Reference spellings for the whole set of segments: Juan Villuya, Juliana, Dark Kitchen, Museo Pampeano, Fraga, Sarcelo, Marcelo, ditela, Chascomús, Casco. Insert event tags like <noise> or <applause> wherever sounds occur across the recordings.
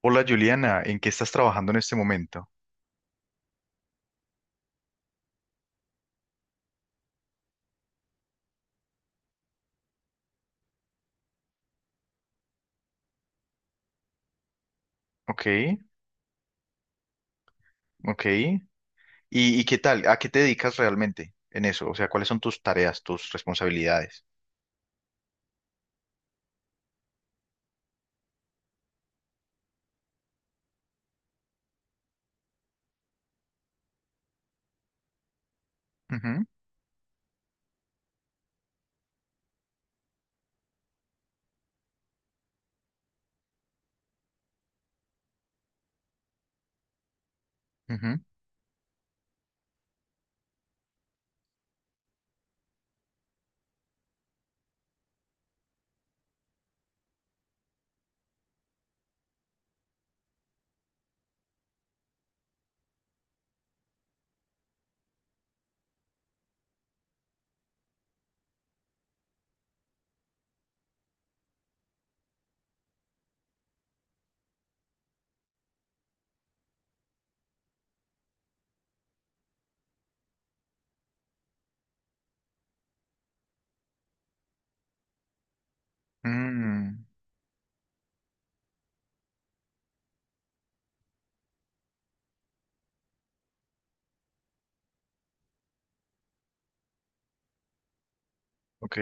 Hola Juliana, ¿en qué estás trabajando en este momento? Ok, ok. ¿Y qué tal? ¿A qué te dedicas realmente en eso? O sea, ¿cuáles son tus tareas, tus responsabilidades? Ujú, ujú, mm, ok,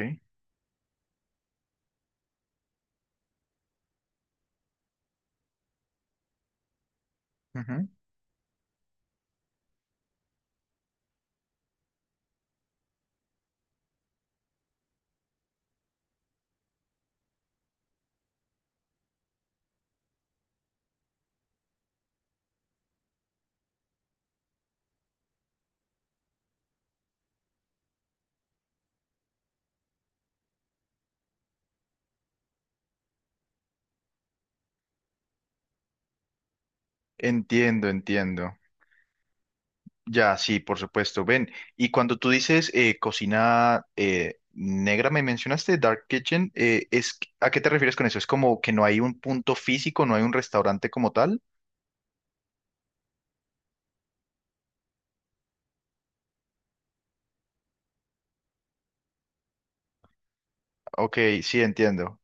ujú. Entiendo, entiendo. Ya, sí, por supuesto. Ven, y cuando tú dices cocina negra, me mencionaste Dark Kitchen, ¿a qué te refieres con eso? ¿Es como que no hay un punto físico, no hay un restaurante como tal? Ok, sí, entiendo.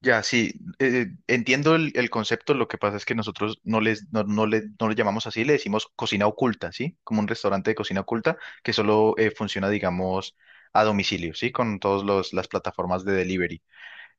Ya, sí, entiendo el concepto, lo que pasa es que nosotros no les, no le llamamos así, le decimos cocina oculta, ¿sí? Como un restaurante de cocina oculta que solo funciona, digamos, a domicilio, ¿sí? Con todas las plataformas de delivery.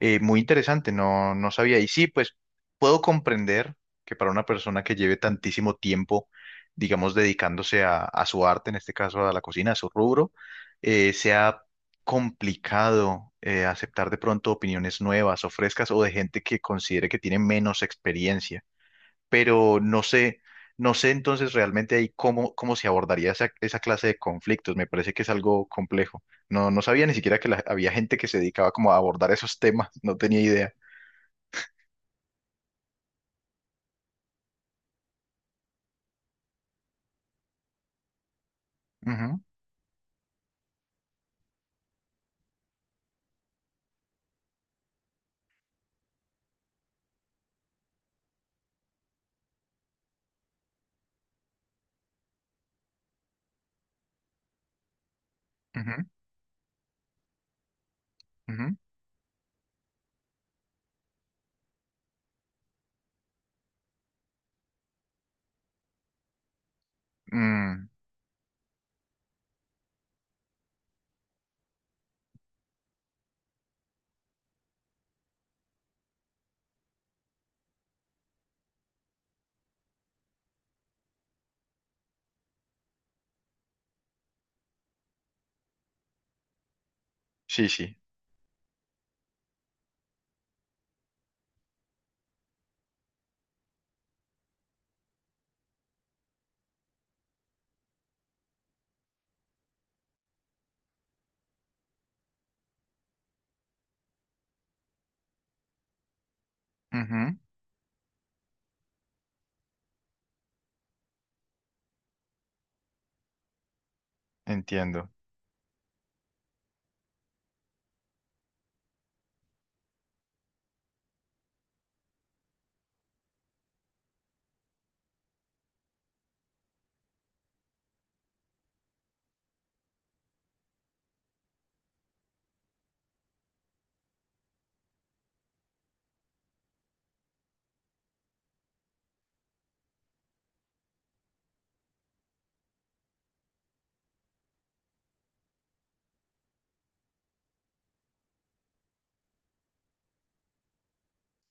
Muy interesante, no, no sabía. Y sí, pues puedo comprender que para una persona que lleve tantísimo tiempo, digamos, dedicándose a su arte, en este caso a la cocina, a su rubro, sea complicado aceptar de pronto opiniones nuevas o frescas o de gente que considere que tiene menos experiencia, pero no sé, no sé entonces realmente ahí cómo, cómo se abordaría esa, esa clase de conflictos. Me parece que es algo complejo. No, no sabía ni siquiera que había gente que se dedicaba como a abordar esos temas, no tenía idea. Ujú, ujú, ujú. Mm, sí, sí. Ujú, entiendo.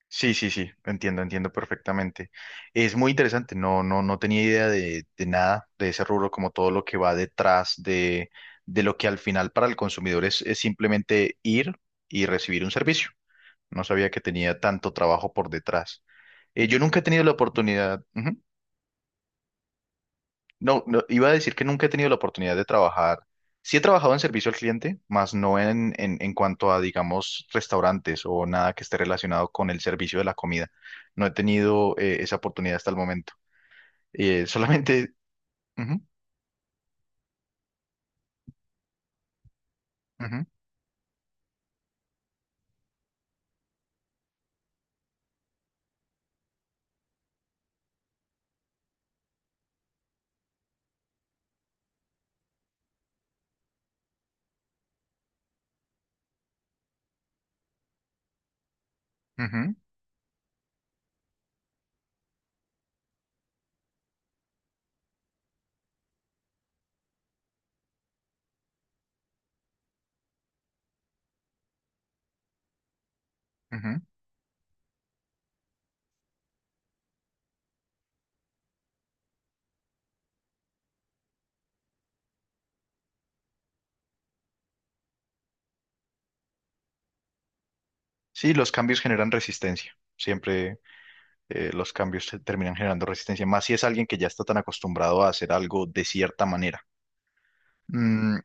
Sí, sí, sí, entiendo, entiendo perfectamente. Es muy interesante, no, no, no tenía idea de nada de ese rubro, como todo lo que va detrás de lo que al final para el consumidor es simplemente ir y recibir un servicio. No sabía que tenía tanto trabajo por detrás. Yo nunca he tenido la oportunidad, ujú. No, no, iba a decir que nunca he tenido la oportunidad de trabajar. Sí he trabajado en servicio al cliente, más no en cuanto a, digamos, restaurantes o nada que esté relacionado con el servicio de la comida. No he tenido esa oportunidad hasta el momento. Solamente... ujú, ujú, ujú, ujú. Sí, los cambios generan resistencia. Siempre los cambios terminan generando resistencia, más si es alguien que ya está tan acostumbrado a hacer algo de cierta manera. Mm,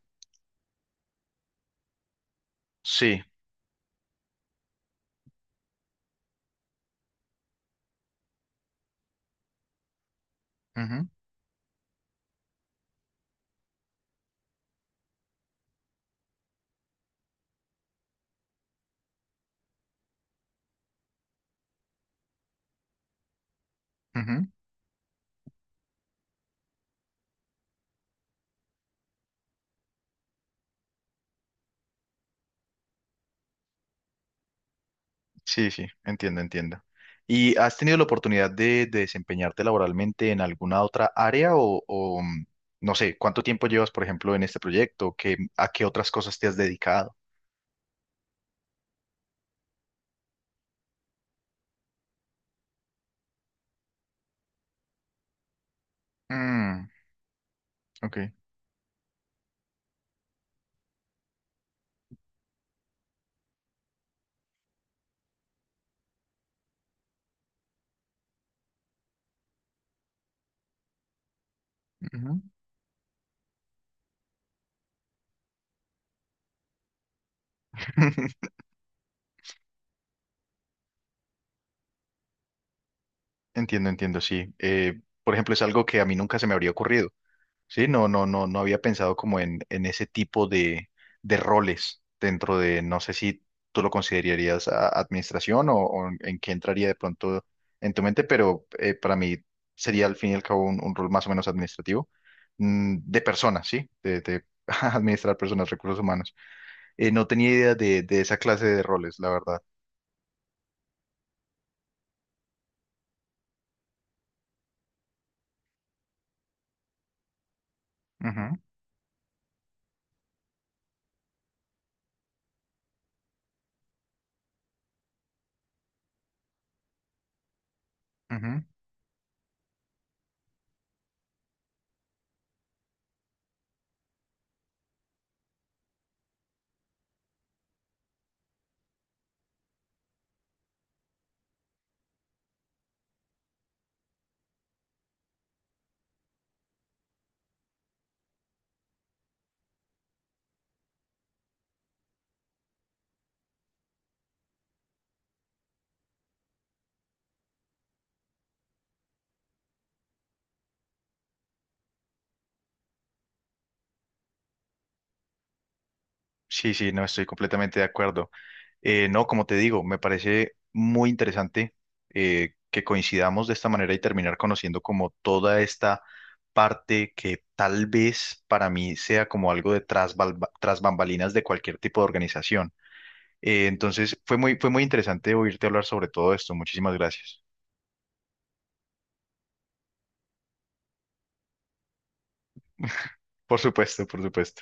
sí, ujú, ujú. Sí, sí, entiendo, entiendo. ¿Y has tenido la oportunidad de desempeñarte laboralmente en alguna otra área o, mm, no sé, cuánto tiempo llevas, por ejemplo, en este proyecto? ¿Qué, a qué otras cosas te has dedicado? Mm, ok, ujú. <laughs> Entiendo, entiendo, sí. Por ejemplo, es algo que a mí nunca se me habría ocurrido. Sí, no, no, no, no había pensado como en ese tipo de roles dentro de, no sé si tú lo considerarías administración o en qué entraría de pronto en tu mente, pero para mí sería al fin y al cabo un rol más o menos administrativo, mm, de personas, ¿sí? De <laughs> administrar personas, recursos humanos. No tenía idea de esa clase de roles, la verdad. Ujú, ujú. Sí, sí, no estoy completamente de acuerdo. No, como te digo, me parece muy interesante que coincidamos de esta manera y terminar conociendo como toda esta parte que tal vez para mí sea como algo de tras, tras bambalinas de cualquier tipo de organización. Entonces, fue muy interesante oírte hablar sobre todo esto. Muchísimas gracias. Por supuesto, por supuesto.